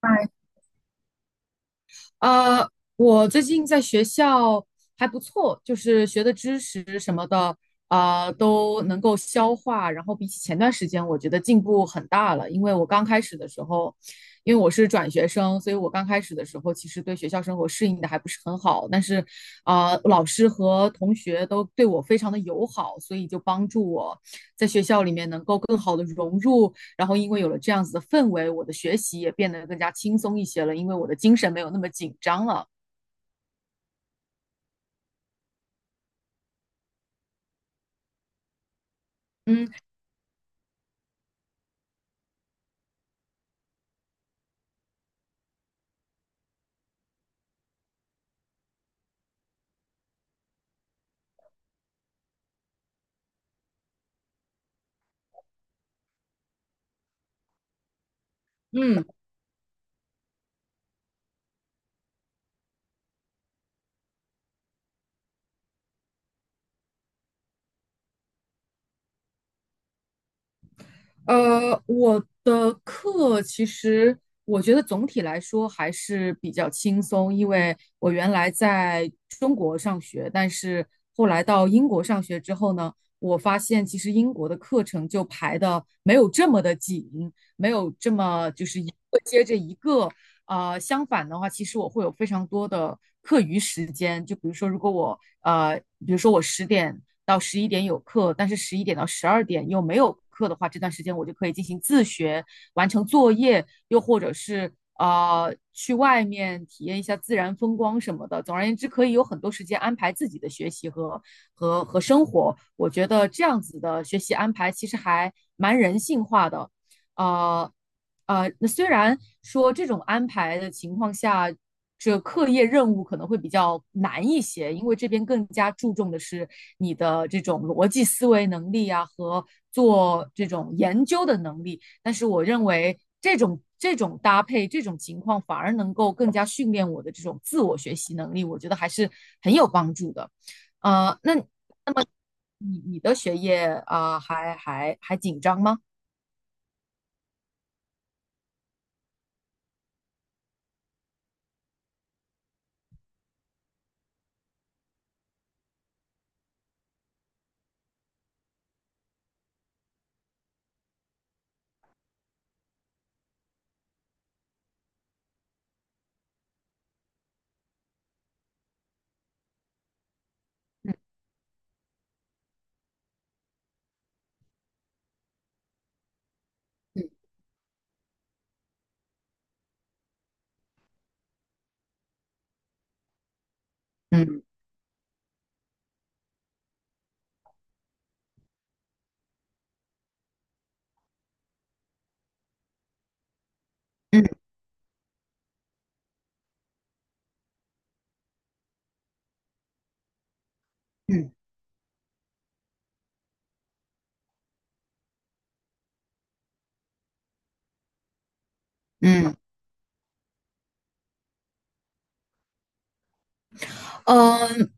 嗨，呃，我最近在学校还不错，就是学的知识什么的，啊、都能够消化。然后比起前段时间，我觉得进步很大了。因为我刚开始的时候，因为我是转学生，所以我刚开始的时候其实对学校生活适应的还不是很好。但是，啊、老师和同学都对我非常的友好，所以就帮助我在学校里面能够更好的融入。然后因为有了这样子的氛围，我的学习也变得更加轻松一些了，因为我的精神没有那么紧张了。嗯嗯，我的课其实我觉得总体来说还是比较轻松，因为我原来在中国上学，但是后来到英国上学之后呢，我发现其实英国的课程就排的没有这么的紧，没有这么就是一个接着一个。相反的话，其实我会有非常多的课余时间，就比如说，如果我比如说我十点到十一点有课，但是十一点到十二点又没有课的话，这段时间我就可以进行自学，完成作业，又或者是去外面体验一下自然风光什么的。总而言之，可以有很多时间安排自己的学习和生活。我觉得这样子的学习安排其实还蛮人性化的，啊啊！那虽然说这种安排的情况下，这课业任务可能会比较难一些，因为这边更加注重的是你的这种逻辑思维能力啊和做这种研究的能力。但是我认为这种搭配，这种情况反而能够更加训练我的这种自我学习能力，我觉得还是很有帮助的。那那么你的学业啊，还紧张吗？嗯嗯嗯。嗯嗯嗯，嗯。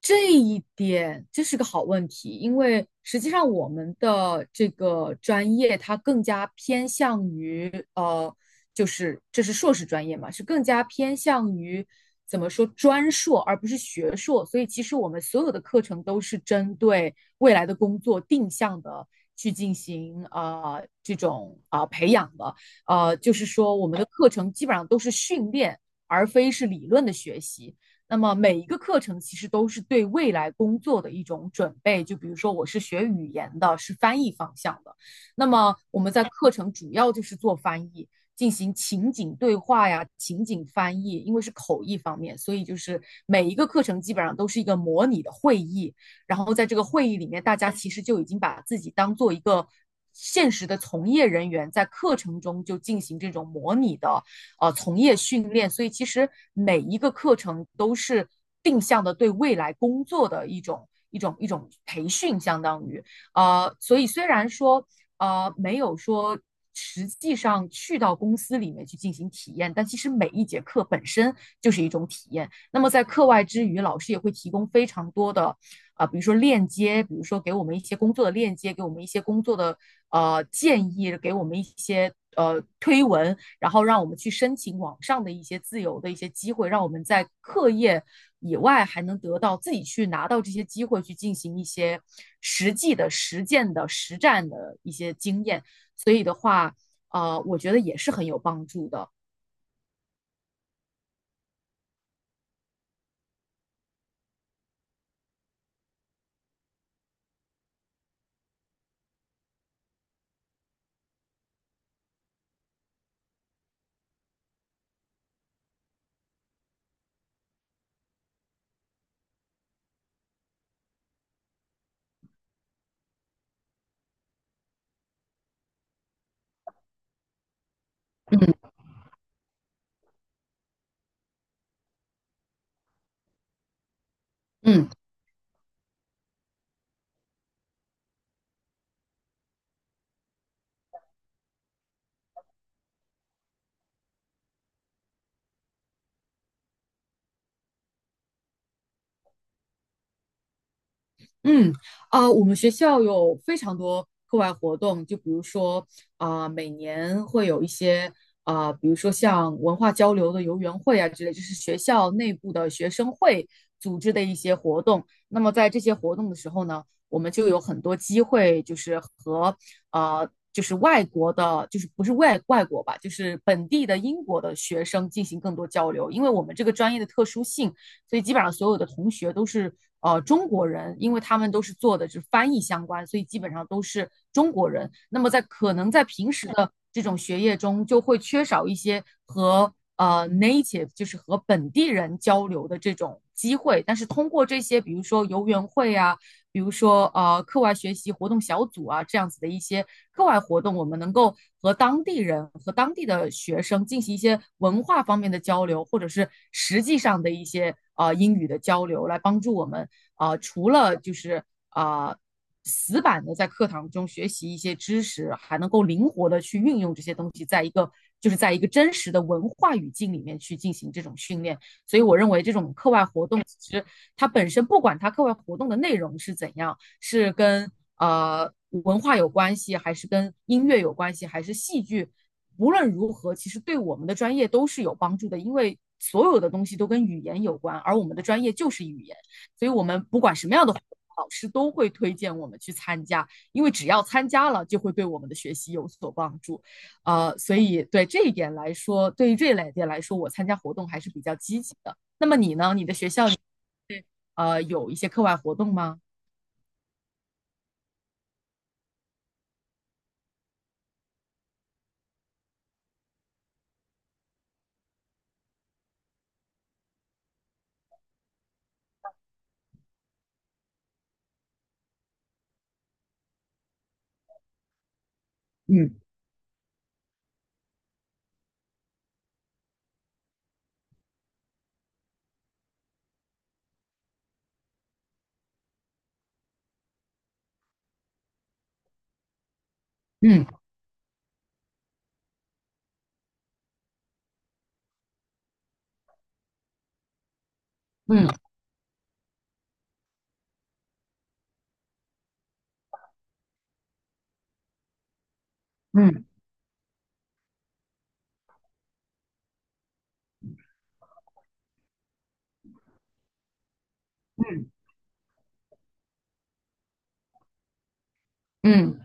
这一点这是个好问题，因为实际上我们的这个专业它更加偏向于呃，就是这是硕士专业嘛，是更加偏向于怎么说专硕，而不是学硕。所以其实我们所有的课程都是针对未来的工作定向的去进行这种啊、培养的。就是说我们的课程基本上都是训练，而非是理论的学习。那么每一个课程其实都是对未来工作的一种准备。就比如说我是学语言的，是翻译方向的，那么我们在课程主要就是做翻译，进行情景对话呀、情景翻译，因为是口译方面，所以就是每一个课程基本上都是一个模拟的会议。然后在这个会议里面，大家其实就已经把自己当做一个。现实的从业人员在课程中就进行这种模拟的从业训练，所以其实每一个课程都是定向的对未来工作的一种培训，相当于所以虽然说没有说。实际上去到公司里面去进行体验，但其实每一节课本身就是一种体验。那么在课外之余，老师也会提供非常多的啊、比如说链接，比如说给我们一些工作的链接，给我们一些工作的建议，给我们一些推文，然后让我们去申请网上的一些自由的一些机会，让我们在课业以外还能得到自己去拿到这些机会，去进行一些实际的实践的实战的一些经验。所以的话，我觉得也是很有帮助的。嗯嗯，嗯，啊、我们学校有非常多课外活动，就比如说啊、每年会有一些啊、比如说像文化交流的游园会啊之类，就是学校内部的学生会组织的一些活动。那么在这些活动的时候呢，我们就有很多机会，就是和就是外国的，就是不是外国吧，就是本地的英国的学生进行更多交流，因为我们这个专业的特殊性。所以基本上所有的同学都是中国人，因为他们都是做的是翻译相关，所以基本上都是中国人。那么在可能在平时的这种学业中，就会缺少一些和native 就是和本地人交流的这种机会，但是通过这些，比如说游园会啊，比如说课外学习活动小组啊这样子的一些课外活动，我们能够和当地人和当地的学生进行一些文化方面的交流，或者是实际上的一些英语的交流，来帮助我们除了就是呃死板的在课堂中学习一些知识，还能够灵活的去运用这些东西，在一个就是在一个真实的文化语境里面去进行这种训练，所以我认为这种课外活动其实它本身不管它课外活动的内容是怎样，是跟文化有关系，还是跟音乐有关系，还是戏剧，无论如何，其实对我们的专业都是有帮助的，因为。所有的东西都跟语言有关，而我们的专业就是语言，所以我们不管什么样的活动老师都会推荐我们去参加，因为只要参加了，就会对我们的学习有所帮助。所以对这一点来说，对于这一类点来说，我参加活动还是比较积极的。那么你呢？你的学校里有一些课外活动吗？嗯嗯嗯嗯嗯嗯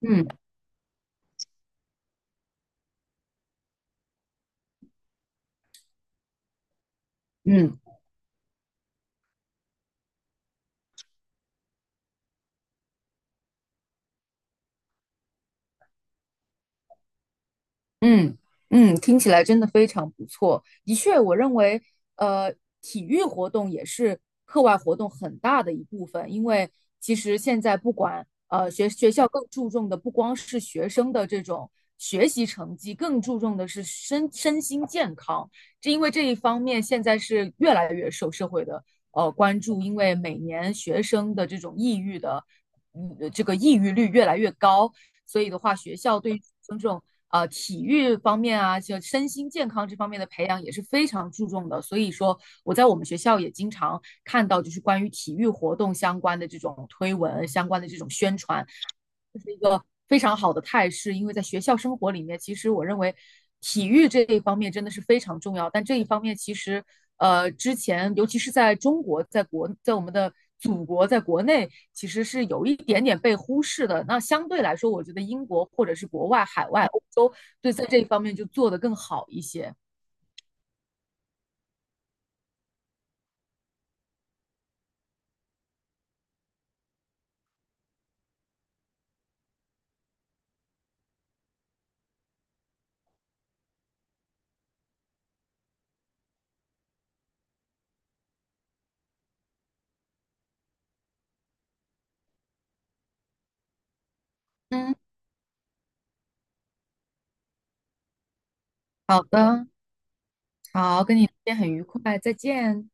嗯嗯嗯嗯，听起来真的非常不错。的确，我认为，呃，体育活动也是课外活动很大的一部分，因为其实现在不管学校更注重的不光是学生的这种学习成绩，更注重的是身心健康。这因为这一方面现在是越来越受社会的关注，因为每年学生的这种抑郁的这个抑郁率越来越高，所以的话，学校对于这种体育方面啊，就身心健康这方面的培养也是非常注重的。所以说，我在我们学校也经常看到，就是关于体育活动相关的这种推文、相关的这种宣传。非常好的态势，因为在学校生活里面，其实我认为体育这一方面真的是非常重要。但这一方面其实，之前尤其是在中国，在我们的祖国，在国内其实是有一点点被忽视的。那相对来说，我觉得英国或者是国外、海外、欧洲，对在这一方面就做得更好一些。嗯，好的，好，跟你聊天很愉快，再见。